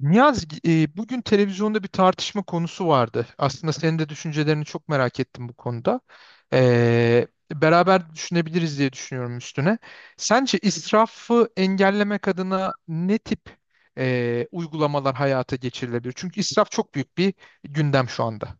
Niyaz, bugün televizyonda bir tartışma konusu vardı. Aslında senin de düşüncelerini çok merak ettim bu konuda. Beraber düşünebiliriz diye düşünüyorum üstüne. Sence israfı engellemek adına ne tip uygulamalar hayata geçirilebilir? Çünkü israf çok büyük bir gündem şu anda.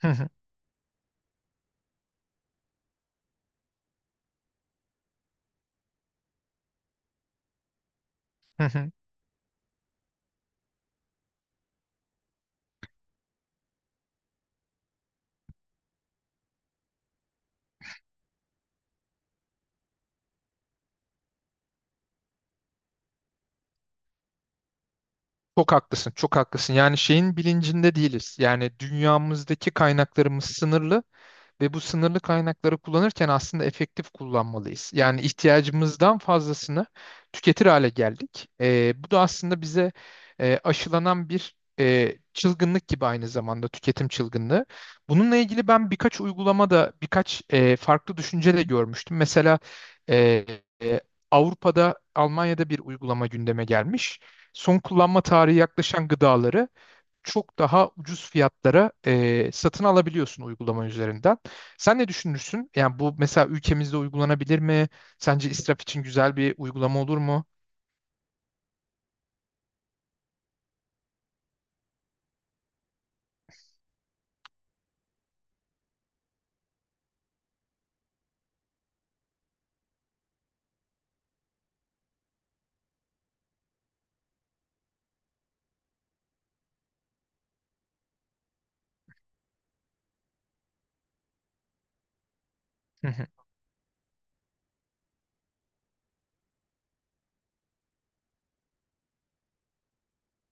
Hı hı, hı hı. Çok haklısın, çok haklısın. Yani şeyin bilincinde değiliz. Yani dünyamızdaki kaynaklarımız sınırlı. Ve bu sınırlı kaynakları kullanırken aslında efektif kullanmalıyız. Yani ihtiyacımızdan fazlasını tüketir hale geldik. Bu da aslında bize aşılanan bir çılgınlık gibi aynı zamanda tüketim çılgınlığı. Bununla ilgili ben birkaç uygulamada birkaç farklı düşünce de görmüştüm. Mesela e, e, Avrupa'da, Almanya'da bir uygulama gündeme gelmiş. Son kullanma tarihi yaklaşan gıdaları çok daha ucuz fiyatlara satın alabiliyorsun uygulama üzerinden. Sen ne düşünürsün? Yani bu mesela ülkemizde uygulanabilir mi? Sence israf için güzel bir uygulama olur mu?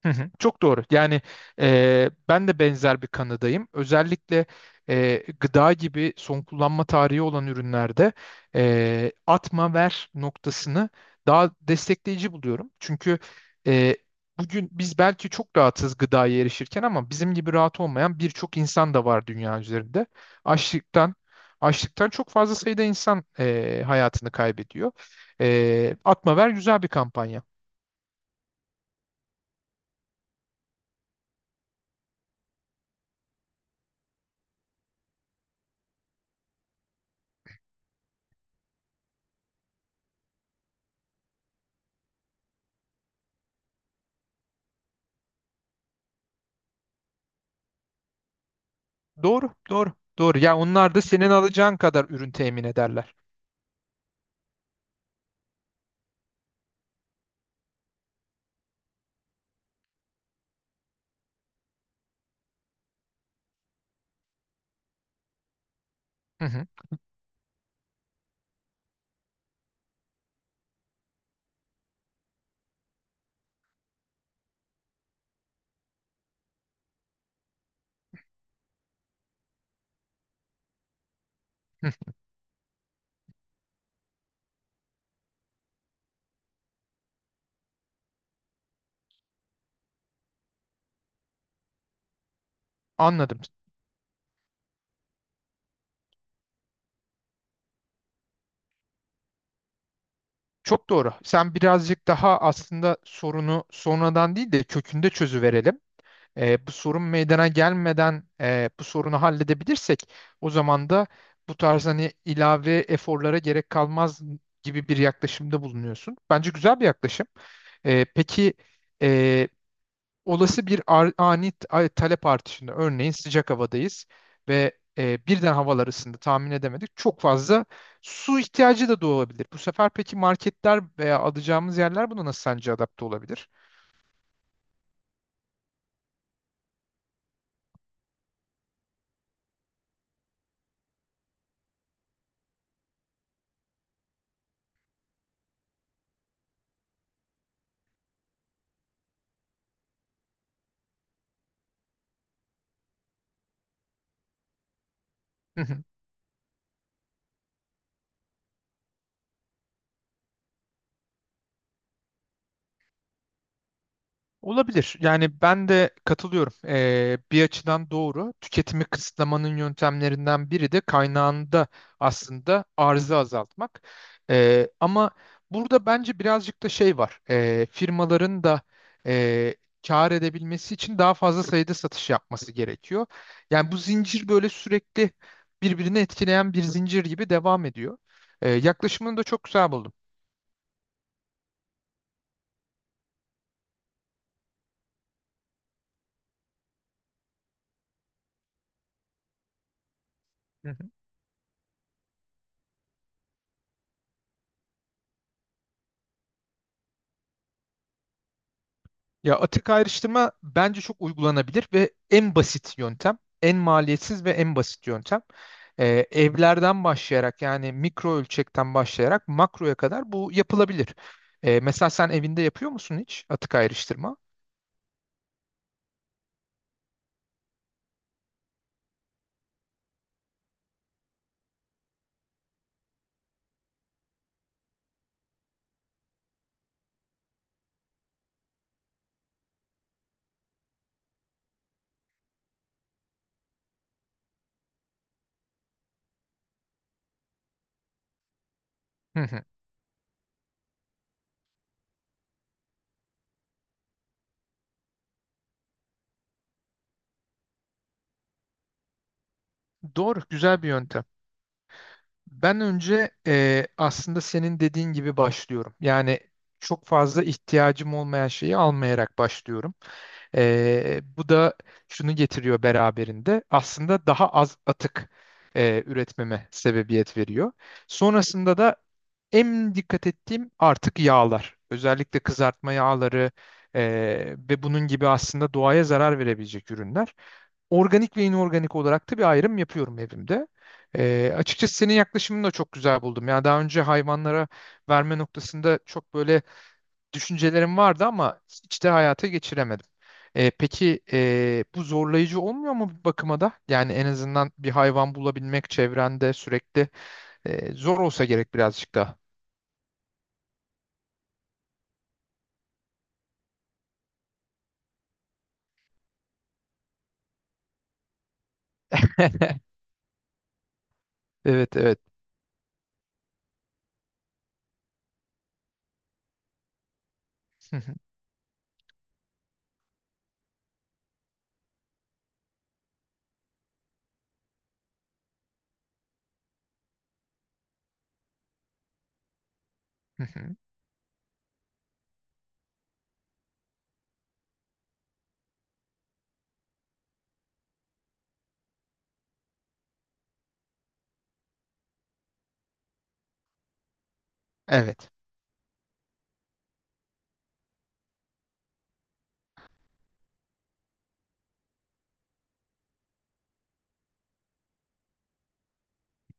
Hı hı, çok doğru. Yani ben de benzer bir kanıdayım. Özellikle gıda gibi son kullanma tarihi olan ürünlerde atma ver noktasını daha destekleyici buluyorum. Çünkü e, bugün biz belki çok rahatız gıdaya erişirken ama bizim gibi rahat olmayan birçok insan da var dünya üzerinde. Açlıktan açlıktan çok fazla sayıda insan hayatını kaybediyor. E, atma ver güzel bir kampanya. Doğru, doğru, doğru. Ya onlar da senin alacağın kadar ürün temin ederler. Hı hı, hı. Anladım. Çok doğru. Sen birazcık daha aslında sorunu sonradan değil de kökünde çözüverelim. Bu sorun meydana gelmeden bu sorunu halledebilirsek o zaman da bu tarz hani ilave eforlara gerek kalmaz gibi bir yaklaşımda bulunuyorsun. Bence güzel bir yaklaşım. Peki e, olası bir ani talep artışında örneğin sıcak havadayız ve birden havalar ısındı tahmin edemedik. Çok fazla su ihtiyacı da doğabilir. Bu sefer peki marketler veya alacağımız yerler buna nasıl sence adapte olabilir? Olabilir. Yani ben de katılıyorum. Bir açıdan doğru. Tüketimi kısıtlamanın yöntemlerinden biri de kaynağında aslında arzı azaltmak. Ama burada bence birazcık da şey var. Firmaların da e, kâr edebilmesi için daha fazla sayıda satış yapması gerekiyor. Yani bu zincir böyle sürekli birbirini etkileyen bir zincir gibi devam ediyor. Yaklaşımını da çok güzel buldum. Ya atık ayrıştırma bence çok uygulanabilir ve en basit yöntem, en maliyetsiz ve en basit yöntem. Evlerden başlayarak yani mikro ölçekten başlayarak makroya kadar bu yapılabilir. Mesela sen evinde yapıyor musun hiç atık ayrıştırma? Hı hı. Doğru, güzel bir yöntem. Ben önce aslında senin dediğin gibi başlıyorum. Yani çok fazla ihtiyacım olmayan şeyi almayarak başlıyorum. Bu da şunu getiriyor beraberinde. Aslında daha az atık üretmeme sebebiyet veriyor. Sonrasında da en dikkat ettiğim artık yağlar. Özellikle kızartma yağları ve bunun gibi aslında doğaya zarar verebilecek ürünler. Organik ve inorganik olarak da bir ayrım yapıyorum evimde. Açıkçası senin yaklaşımını da çok güzel buldum. Yani daha önce hayvanlara verme noktasında çok böyle düşüncelerim vardı ama hiç de hayata geçiremedim. Peki bu zorlayıcı olmuyor mu bir bakıma da? Yani en azından bir hayvan bulabilmek çevrende sürekli zor olsa gerek birazcık daha. Evet, evet. Hı hı, hı hı. Evet.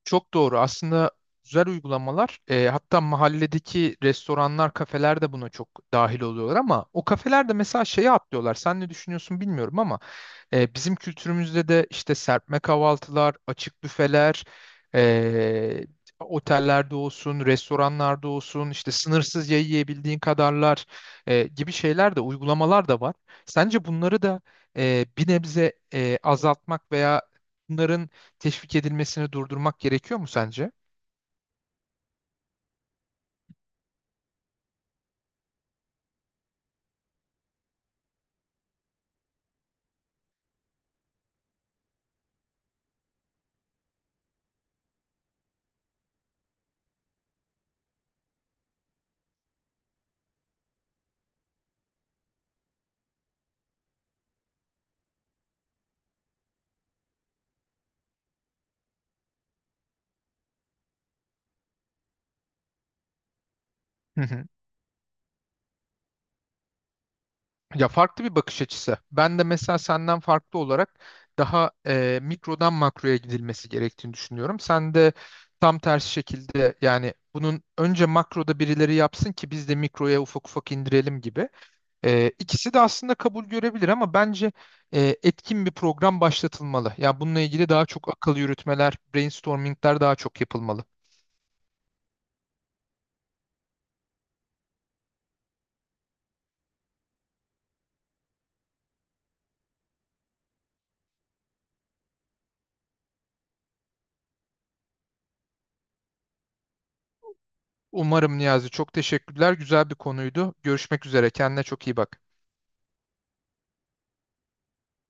Çok doğru. Aslında güzel uygulamalar. E, hatta mahalledeki restoranlar, kafeler de buna çok dahil oluyorlar ama o kafeler de mesela şeye atlıyorlar. Sen ne düşünüyorsun bilmiyorum ama e, bizim kültürümüzde de işte serpme kahvaltılar, açık büfeler, e, otellerde olsun, restoranlarda olsun, işte sınırsız yiyebildiğin kadarlar gibi şeyler de uygulamalar da var. Sence bunları da bir nebze azaltmak veya bunların teşvik edilmesini durdurmak gerekiyor mu sence? Ya farklı bir bakış açısı. Ben de mesela senden farklı olarak daha mikrodan makroya gidilmesi gerektiğini düşünüyorum. Sen de tam tersi şekilde yani bunun önce makroda birileri yapsın ki biz de mikroya ufak ufak indirelim gibi. E, ikisi de aslında kabul görebilir ama bence etkin bir program başlatılmalı. Ya bununla ilgili daha çok akıl yürütmeler, brainstormingler daha çok yapılmalı. Umarım Niyazi çok teşekkürler. Güzel bir konuydu. Görüşmek üzere. Kendine çok iyi bak.